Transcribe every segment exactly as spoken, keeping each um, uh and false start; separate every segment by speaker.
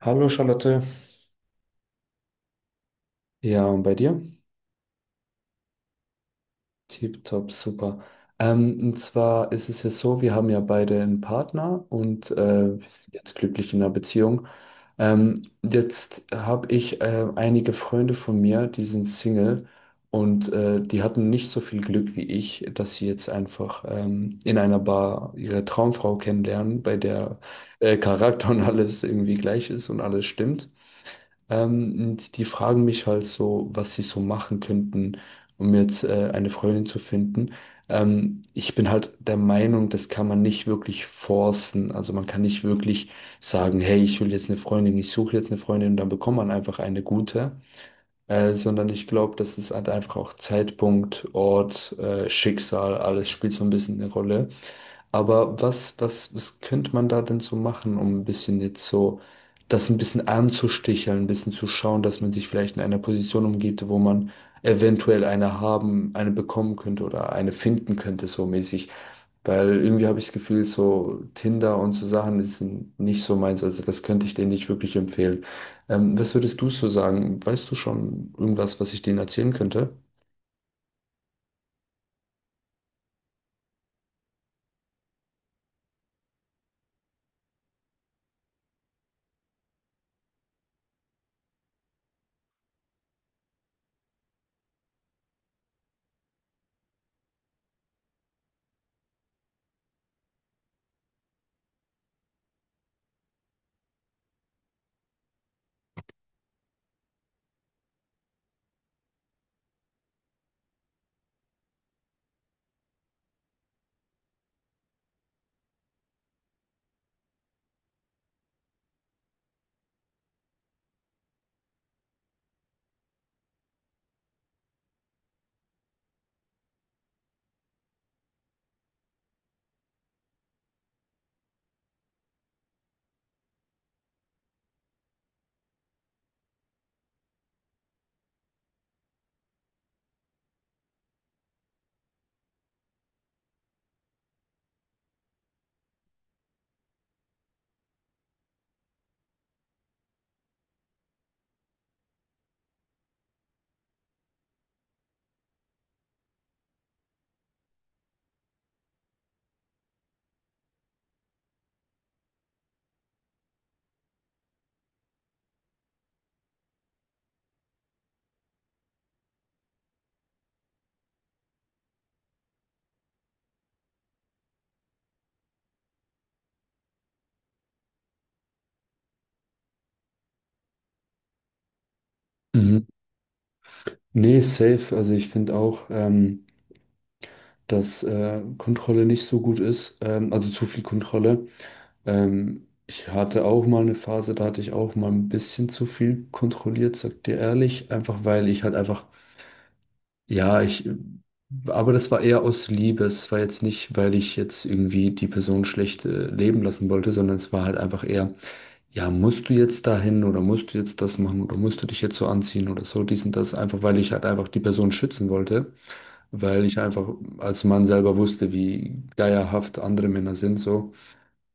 Speaker 1: Hallo Charlotte. Ja, und bei dir? Tipptopp, super. Ähm, und zwar ist es ja so, wir haben ja beide einen Partner und äh, wir sind jetzt glücklich in einer Beziehung. Ähm, jetzt habe ich äh, einige Freunde von mir, die sind Single und äh, die hatten nicht so viel Glück wie ich, dass sie jetzt einfach ähm, in einer Bar ihre Traumfrau kennenlernen, bei der äh, Charakter und alles irgendwie gleich ist und alles stimmt. Ähm, und die fragen mich halt so, was sie so machen könnten, um jetzt äh, eine Freundin zu finden. Ähm, ich bin halt der Meinung, das kann man nicht wirklich forcen. Also man kann nicht wirklich sagen, hey, ich will jetzt eine Freundin, ich suche jetzt eine Freundin und dann bekommt man einfach eine gute. Äh, sondern ich glaube, das ist halt einfach auch Zeitpunkt, Ort, äh, Schicksal, alles spielt so ein bisschen eine Rolle. Aber was, was, was könnte man da denn so machen, um ein bisschen jetzt so das ein bisschen anzusticheln, ein bisschen zu schauen, dass man sich vielleicht in einer Position umgibt, wo man eventuell eine haben, eine bekommen könnte oder eine finden könnte, so mäßig. Weil irgendwie habe ich das Gefühl, so Tinder und so Sachen ist nicht so meins. Also das könnte ich denen nicht wirklich empfehlen. Ähm, was würdest du so sagen? Weißt du schon irgendwas, was ich denen erzählen könnte? Mhm. Nee, safe. Also ich finde auch, ähm, dass äh, Kontrolle nicht so gut ist, ähm, also zu viel Kontrolle. Ähm, ich hatte auch mal eine Phase, da hatte ich auch mal ein bisschen zu viel kontrolliert, sag dir ehrlich, einfach weil ich halt einfach, ja, ich, aber das war eher aus Liebe, es war jetzt nicht, weil ich jetzt irgendwie die Person schlecht äh, leben lassen wollte, sondern es war halt einfach eher, ja, musst du jetzt dahin oder musst du jetzt das machen oder musst du dich jetzt so anziehen oder so, dies und das, einfach weil ich halt einfach die Person schützen wollte, weil ich einfach als Mann selber wusste, wie geierhaft andere Männer sind, so.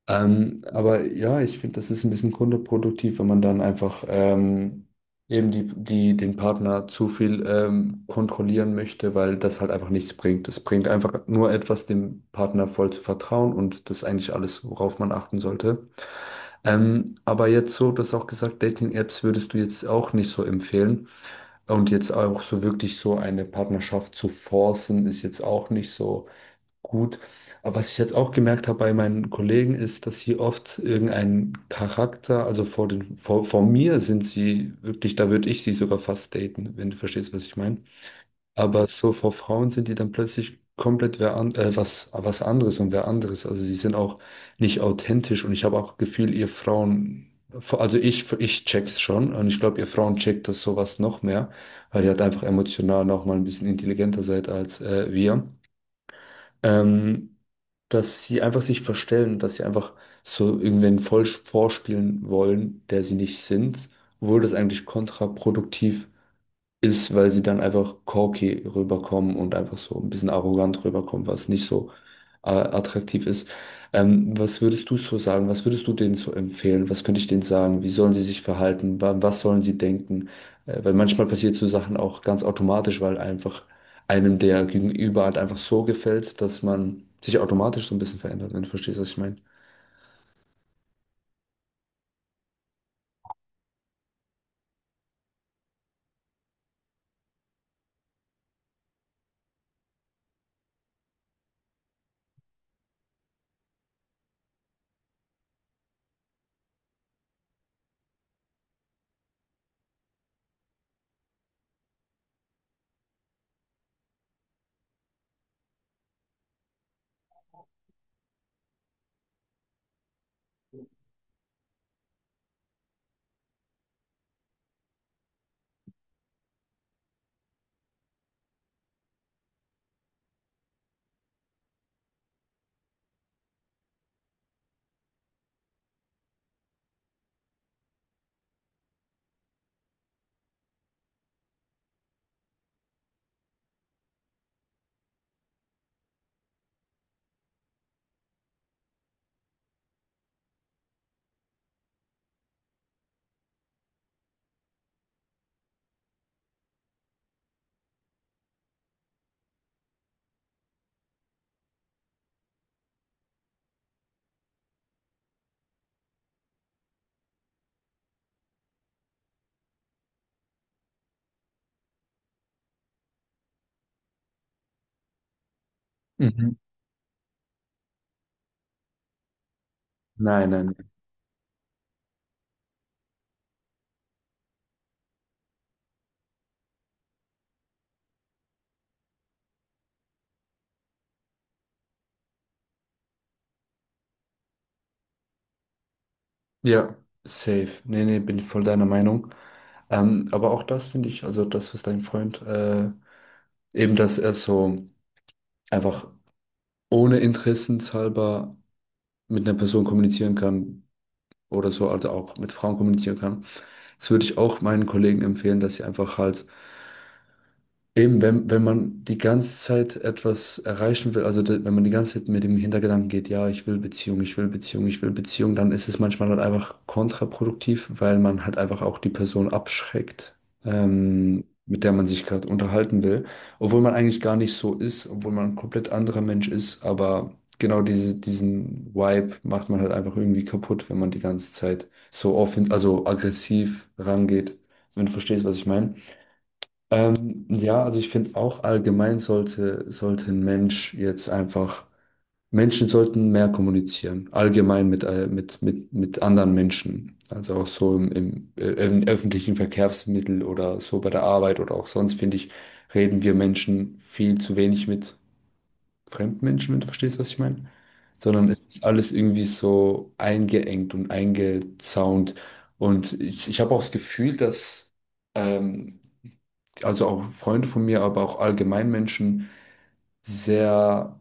Speaker 1: Ähm, aber ja, ich finde, das ist ein bisschen kontraproduktiv, wenn man dann einfach ähm, eben die, die, den Partner zu viel ähm, kontrollieren möchte, weil das halt einfach nichts bringt. Es bringt einfach nur etwas, dem Partner voll zu vertrauen und das ist eigentlich alles, worauf man achten sollte. Ähm, aber jetzt so, du hast auch gesagt, Dating-Apps würdest du jetzt auch nicht so empfehlen. Und jetzt auch so wirklich so eine Partnerschaft zu forcen, ist jetzt auch nicht so gut. Aber was ich jetzt auch gemerkt habe bei meinen Kollegen, ist, dass sie oft irgendeinen Charakter, also vor den, vor, vor mir sind sie wirklich, da würde ich sie sogar fast daten, wenn du verstehst, was ich meine. Aber so vor Frauen sind die dann plötzlich komplett wer an, äh, was, was anderes und wer anderes. Also sie sind auch nicht authentisch und ich habe auch Gefühl, ihr Frauen, also ich, ich check's schon und ich glaube, ihr Frauen checkt das sowas noch mehr, weil ihr halt einfach emotional noch mal ein bisschen intelligenter seid als äh, wir. Ähm, Dass sie einfach sich verstellen, dass sie einfach so irgendwen voll vorspielen wollen, der sie nicht sind, obwohl das eigentlich kontraproduktiv ist, weil sie dann einfach cocky rüberkommen und einfach so ein bisschen arrogant rüberkommen, was nicht so äh, attraktiv ist. Ähm, was würdest du so sagen? Was würdest du denen so empfehlen? Was könnte ich denen sagen? Wie sollen sie sich verhalten? Wa- Was sollen sie denken? Äh, weil manchmal passiert so Sachen auch ganz automatisch, weil einfach einem der Gegenüber halt einfach so gefällt, dass man sich automatisch so ein bisschen verändert, wenn du verstehst, was ich meine. Mhm. Nein, nein. Ja, safe. Nee, nee, bin ich voll deiner Meinung. Ähm, aber auch das finde ich, also das, was dein Freund, äh, eben, dass er so einfach ohne interessenshalber mit einer Person kommunizieren kann oder so, also auch mit Frauen kommunizieren kann. Das würde ich auch meinen Kollegen empfehlen, dass sie einfach halt eben, wenn, wenn man die ganze Zeit etwas erreichen will, also de- wenn man die ganze Zeit mit dem Hintergedanken geht, ja, ich will Beziehung, ich will Beziehung, ich will Beziehung, dann ist es manchmal halt einfach kontraproduktiv, weil man halt einfach auch die Person abschreckt, ähm, mit der man sich gerade unterhalten will, obwohl man eigentlich gar nicht so ist, obwohl man ein komplett anderer Mensch ist, aber genau diese, diesen Vibe macht man halt einfach irgendwie kaputt, wenn man die ganze Zeit so offen, also aggressiv rangeht, wenn du verstehst, was ich meine. Ähm, ja, also ich finde auch allgemein sollte, sollte ein Mensch jetzt einfach, Menschen sollten mehr kommunizieren, allgemein mit, äh, mit, mit, mit anderen Menschen. Also auch so im, im, äh, im öffentlichen Verkehrsmittel oder so bei der Arbeit oder auch sonst, finde ich, reden wir Menschen viel zu wenig mit fremden Menschen, wenn du verstehst, was ich meine. Sondern Mhm. es ist alles irgendwie so eingeengt und eingezaunt. Und ich, ich habe auch das Gefühl, dass. Ähm, also auch Freunde von mir, aber auch allgemein Menschen sehr,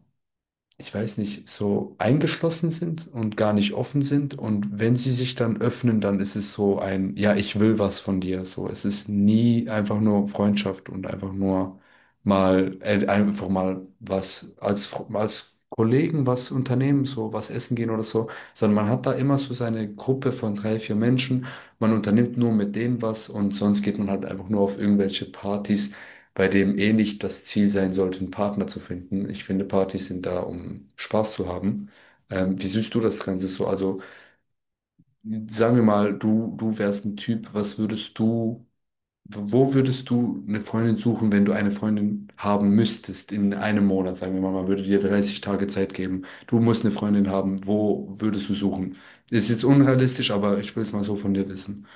Speaker 1: ich weiß nicht, so eingeschlossen sind und gar nicht offen sind. Und wenn sie sich dann öffnen, dann ist es so ein, ja, ich will was von dir. So, es ist nie einfach nur Freundschaft und einfach nur mal, äh, einfach mal was als, Fr- als Kollegen was unternehmen, so was essen gehen oder so, sondern man hat da immer so seine Gruppe von drei, vier Menschen. Man unternimmt nur mit denen was und sonst geht man halt einfach nur auf irgendwelche Partys, bei dem eh nicht das Ziel sein sollte, einen Partner zu finden. Ich finde, Partys sind da, um Spaß zu haben. Ähm, wie siehst du das Ganze so? Also, sagen wir mal, du, du wärst ein Typ, was würdest du, wo würdest du eine Freundin suchen, wenn du eine Freundin haben müsstest in einem Monat? Sagen wir mal, man würde dir dreißig Tage Zeit geben. Du musst eine Freundin haben. Wo würdest du suchen? Ist jetzt unrealistisch, aber ich will es mal so von dir wissen.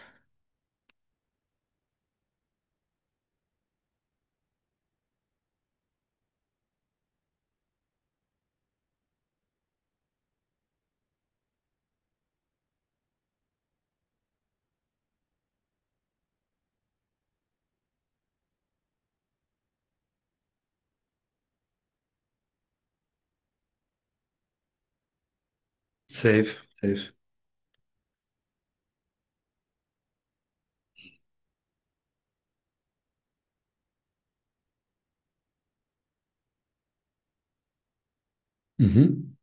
Speaker 1: Safe. Safe. Mhm.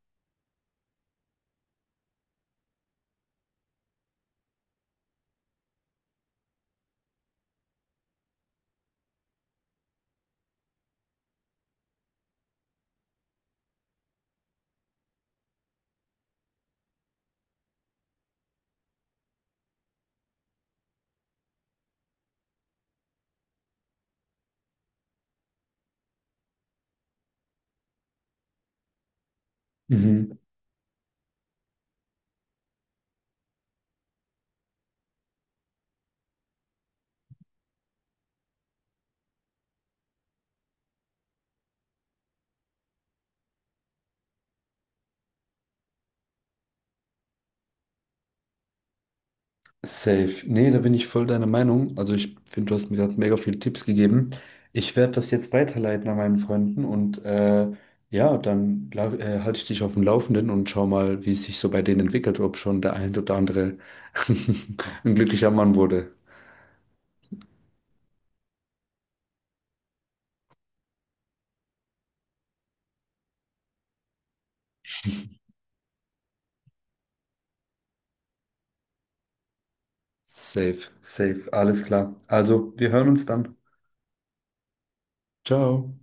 Speaker 1: Mhm. Safe. Nee, da bin ich voll deiner Meinung. Also ich finde, du hast mir gerade mega viele Tipps gegeben. Ich werde das jetzt weiterleiten an meinen Freunden und äh, ja, dann lau- äh, halte ich dich auf dem Laufenden und schau mal, wie es sich so bei denen entwickelt, ob schon der ein oder andere ein glücklicher Mann wurde. Safe, safe, alles klar. Also, wir hören uns dann. Ciao.